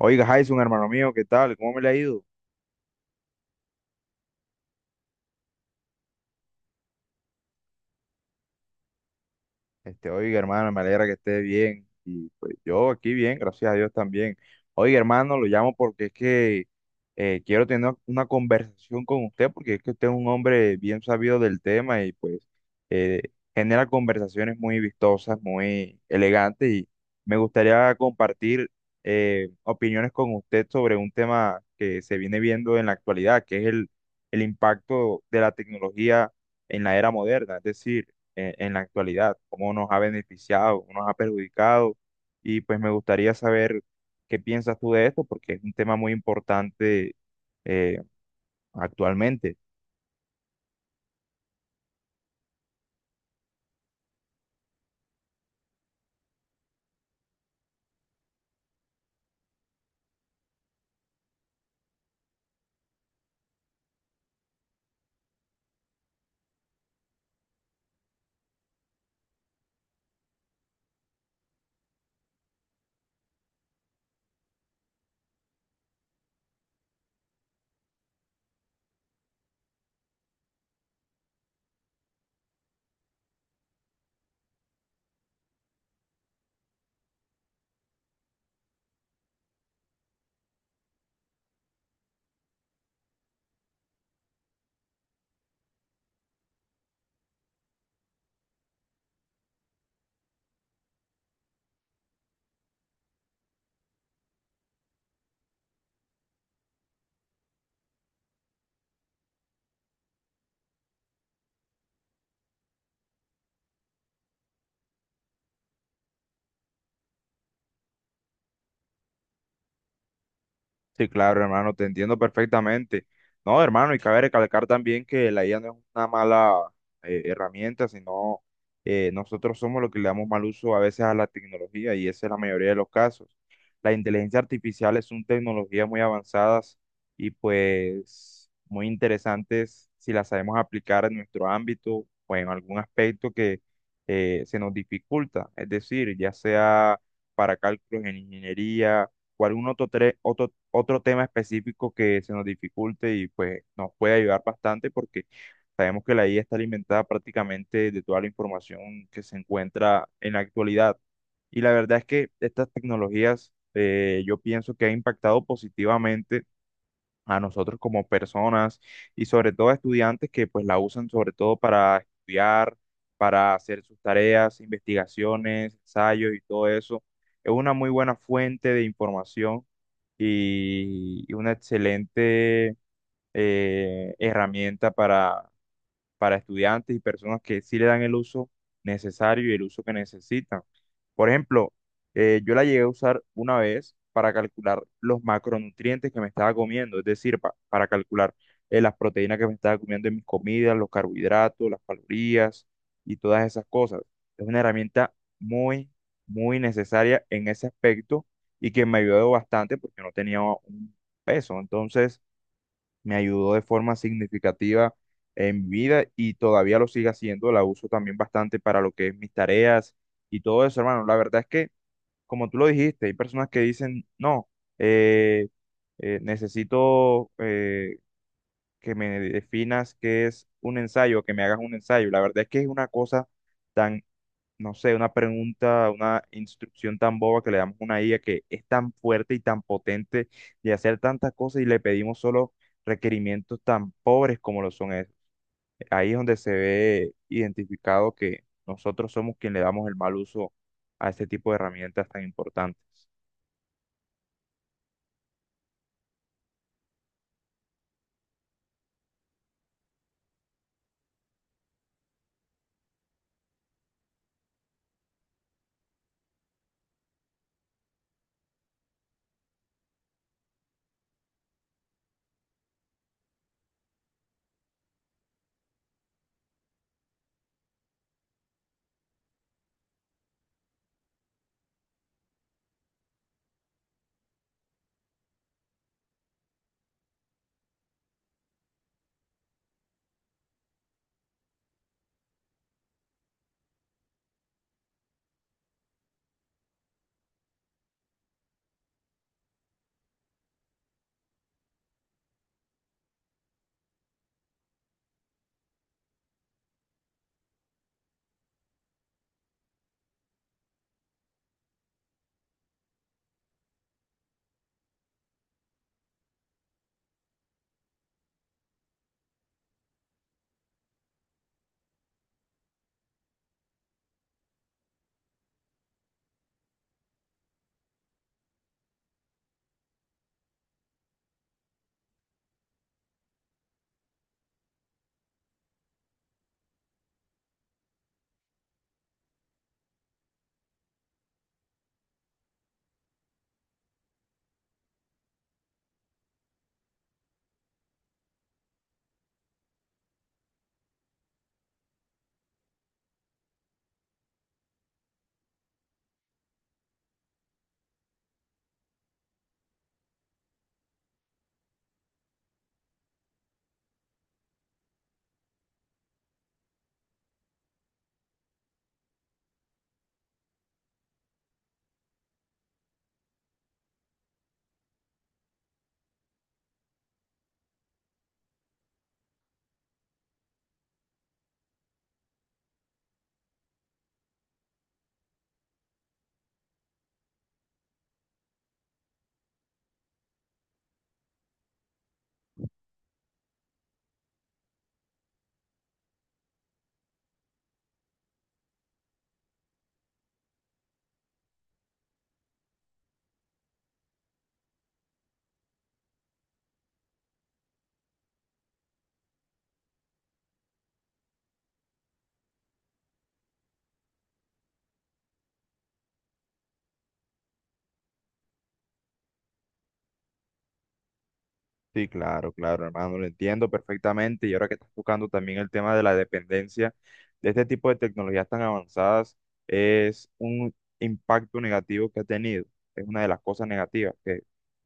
Oiga, Jason, hermano mío, ¿qué tal? ¿Cómo me le ha ido? Oiga, hermano, me alegra que esté bien. Y pues yo aquí bien, gracias a Dios también. Oiga, hermano, lo llamo porque es que quiero tener una conversación con usted, porque es que usted es un hombre bien sabido del tema y pues eh, genera conversaciones muy vistosas, muy elegantes. Y me gustaría compartir opiniones con usted sobre un tema que se viene viendo en la actualidad, que es el impacto de la tecnología en la era moderna. Es decir, en la actualidad, cómo nos ha beneficiado, cómo nos ha perjudicado. Y pues me gustaría saber qué piensas tú de esto, porque es un tema muy importante eh, actualmente. Sí, claro, hermano, te entiendo perfectamente. No, hermano, y cabe recalcar también que la IA no es una mala herramienta, sino nosotros somos los que le damos mal uso a veces a la tecnología, y esa es la mayoría de los casos. La inteligencia artificial son tecnologías muy avanzadas y pues muy interesantes si las sabemos aplicar en nuestro ámbito o en algún aspecto que se nos dificulta, es decir, ya sea para cálculos en ingeniería o algún otro tema específico que se nos dificulte, y pues nos puede ayudar bastante porque sabemos que la IA está alimentada prácticamente de toda la información que se encuentra en la actualidad. Y la verdad es que estas tecnologías, yo pienso que han impactado positivamente a nosotros como personas, y sobre todo a estudiantes, que pues la usan sobre todo para estudiar, para hacer sus tareas, investigaciones, ensayos y todo eso. Es una muy buena fuente de información y una excelente herramienta para estudiantes y personas que sí le dan el uso necesario y el uso que necesitan. Por ejemplo, yo la llegué a usar una vez para calcular los macronutrientes que me estaba comiendo, es decir, para calcular las proteínas que me estaba comiendo en mis comidas, los carbohidratos, las calorías y todas esas cosas. Es una herramienta muy necesaria en ese aspecto, y que me ayudó bastante porque no tenía un peso. Entonces, me ayudó de forma significativa en mi vida, y todavía lo sigue haciendo. La uso también bastante para lo que es mis tareas y todo eso, hermano. La verdad es que, como tú lo dijiste, hay personas que dicen, no, eh, necesito que me definas qué es un ensayo, que me hagas un ensayo. La verdad es que es una cosa tan, no sé, una pregunta, una instrucción tan boba que le damos a una IA, que es tan fuerte y tan potente de hacer tantas cosas, y le pedimos solo requerimientos tan pobres como lo son Ahí es donde se ve identificado que nosotros somos quien le damos el mal uso a este tipo de herramientas tan importantes. Sí, claro, claro, hermano, lo entiendo perfectamente. Y ahora que estás tocando también el tema de la dependencia de este tipo de tecnologías tan avanzadas, es un impacto negativo que ha tenido. Es una de las cosas negativas que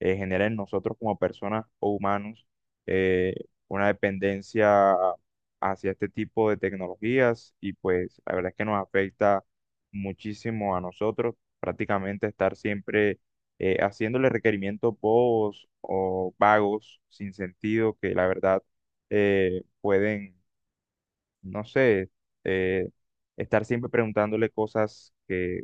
genera en nosotros como personas o humanos, eh, una dependencia hacia este tipo de tecnologías. Y pues la verdad es que nos afecta muchísimo a nosotros, prácticamente estar siempre haciéndole requerimientos bobos o vagos, sin sentido, que la verdad pueden, no sé, eh, estar siempre preguntándole cosas que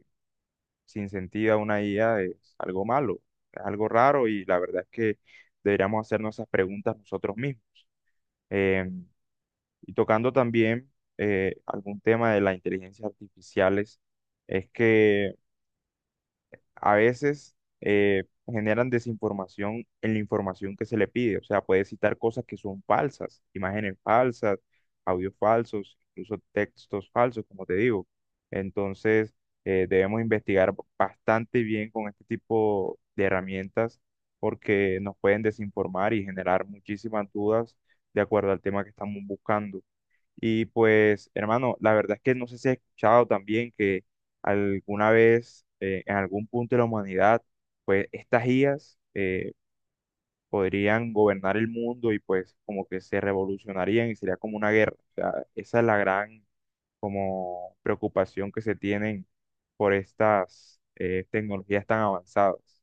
sin sentido a una IA es algo malo, es algo raro, y la verdad es que deberíamos hacernos esas preguntas nosotros mismos. Em, y tocando también algún tema de las inteligencias artificiales, es que a veces generan desinformación en la información que se le pide. O sea, puede citar cosas que son falsas, imágenes falsas, audios falsos, incluso textos falsos, como te digo. Entonces, debemos investigar bastante bien con este tipo de herramientas, porque nos pueden desinformar y generar muchísimas dudas de acuerdo al tema que estamos buscando. Y pues, hermano, la verdad es que no sé si has escuchado también que alguna vez, en algún punto de la humanidad, pues estas IAs podrían gobernar el mundo, y pues como que se revolucionarían y sería como una guerra. O sea, esa es la gran como preocupación que se tienen por estas tecnologías tan avanzadas.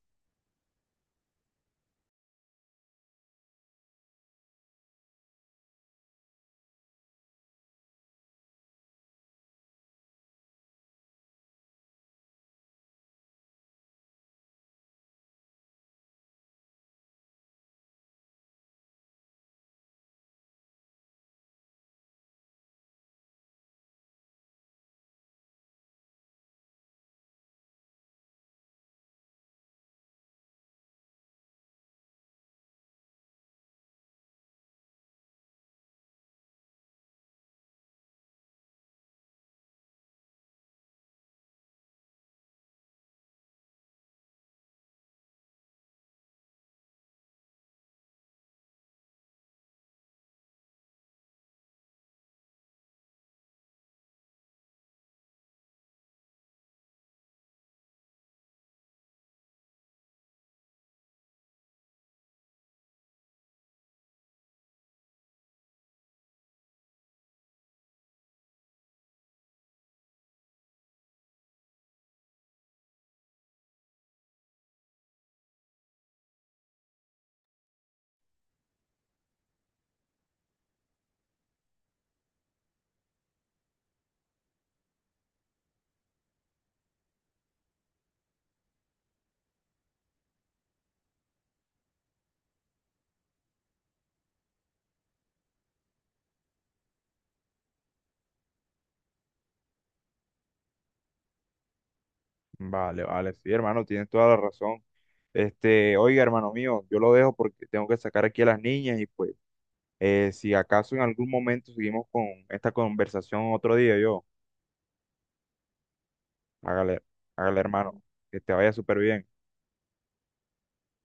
Vale, vale, sí, hermano, tienes toda la razón. Oiga, hermano mío, yo lo dejo porque tengo que sacar aquí a las niñas, y pues, eh, si acaso en algún momento seguimos con esta conversación otro día, yo, hágale, hágale, hermano, que te vaya súper bien.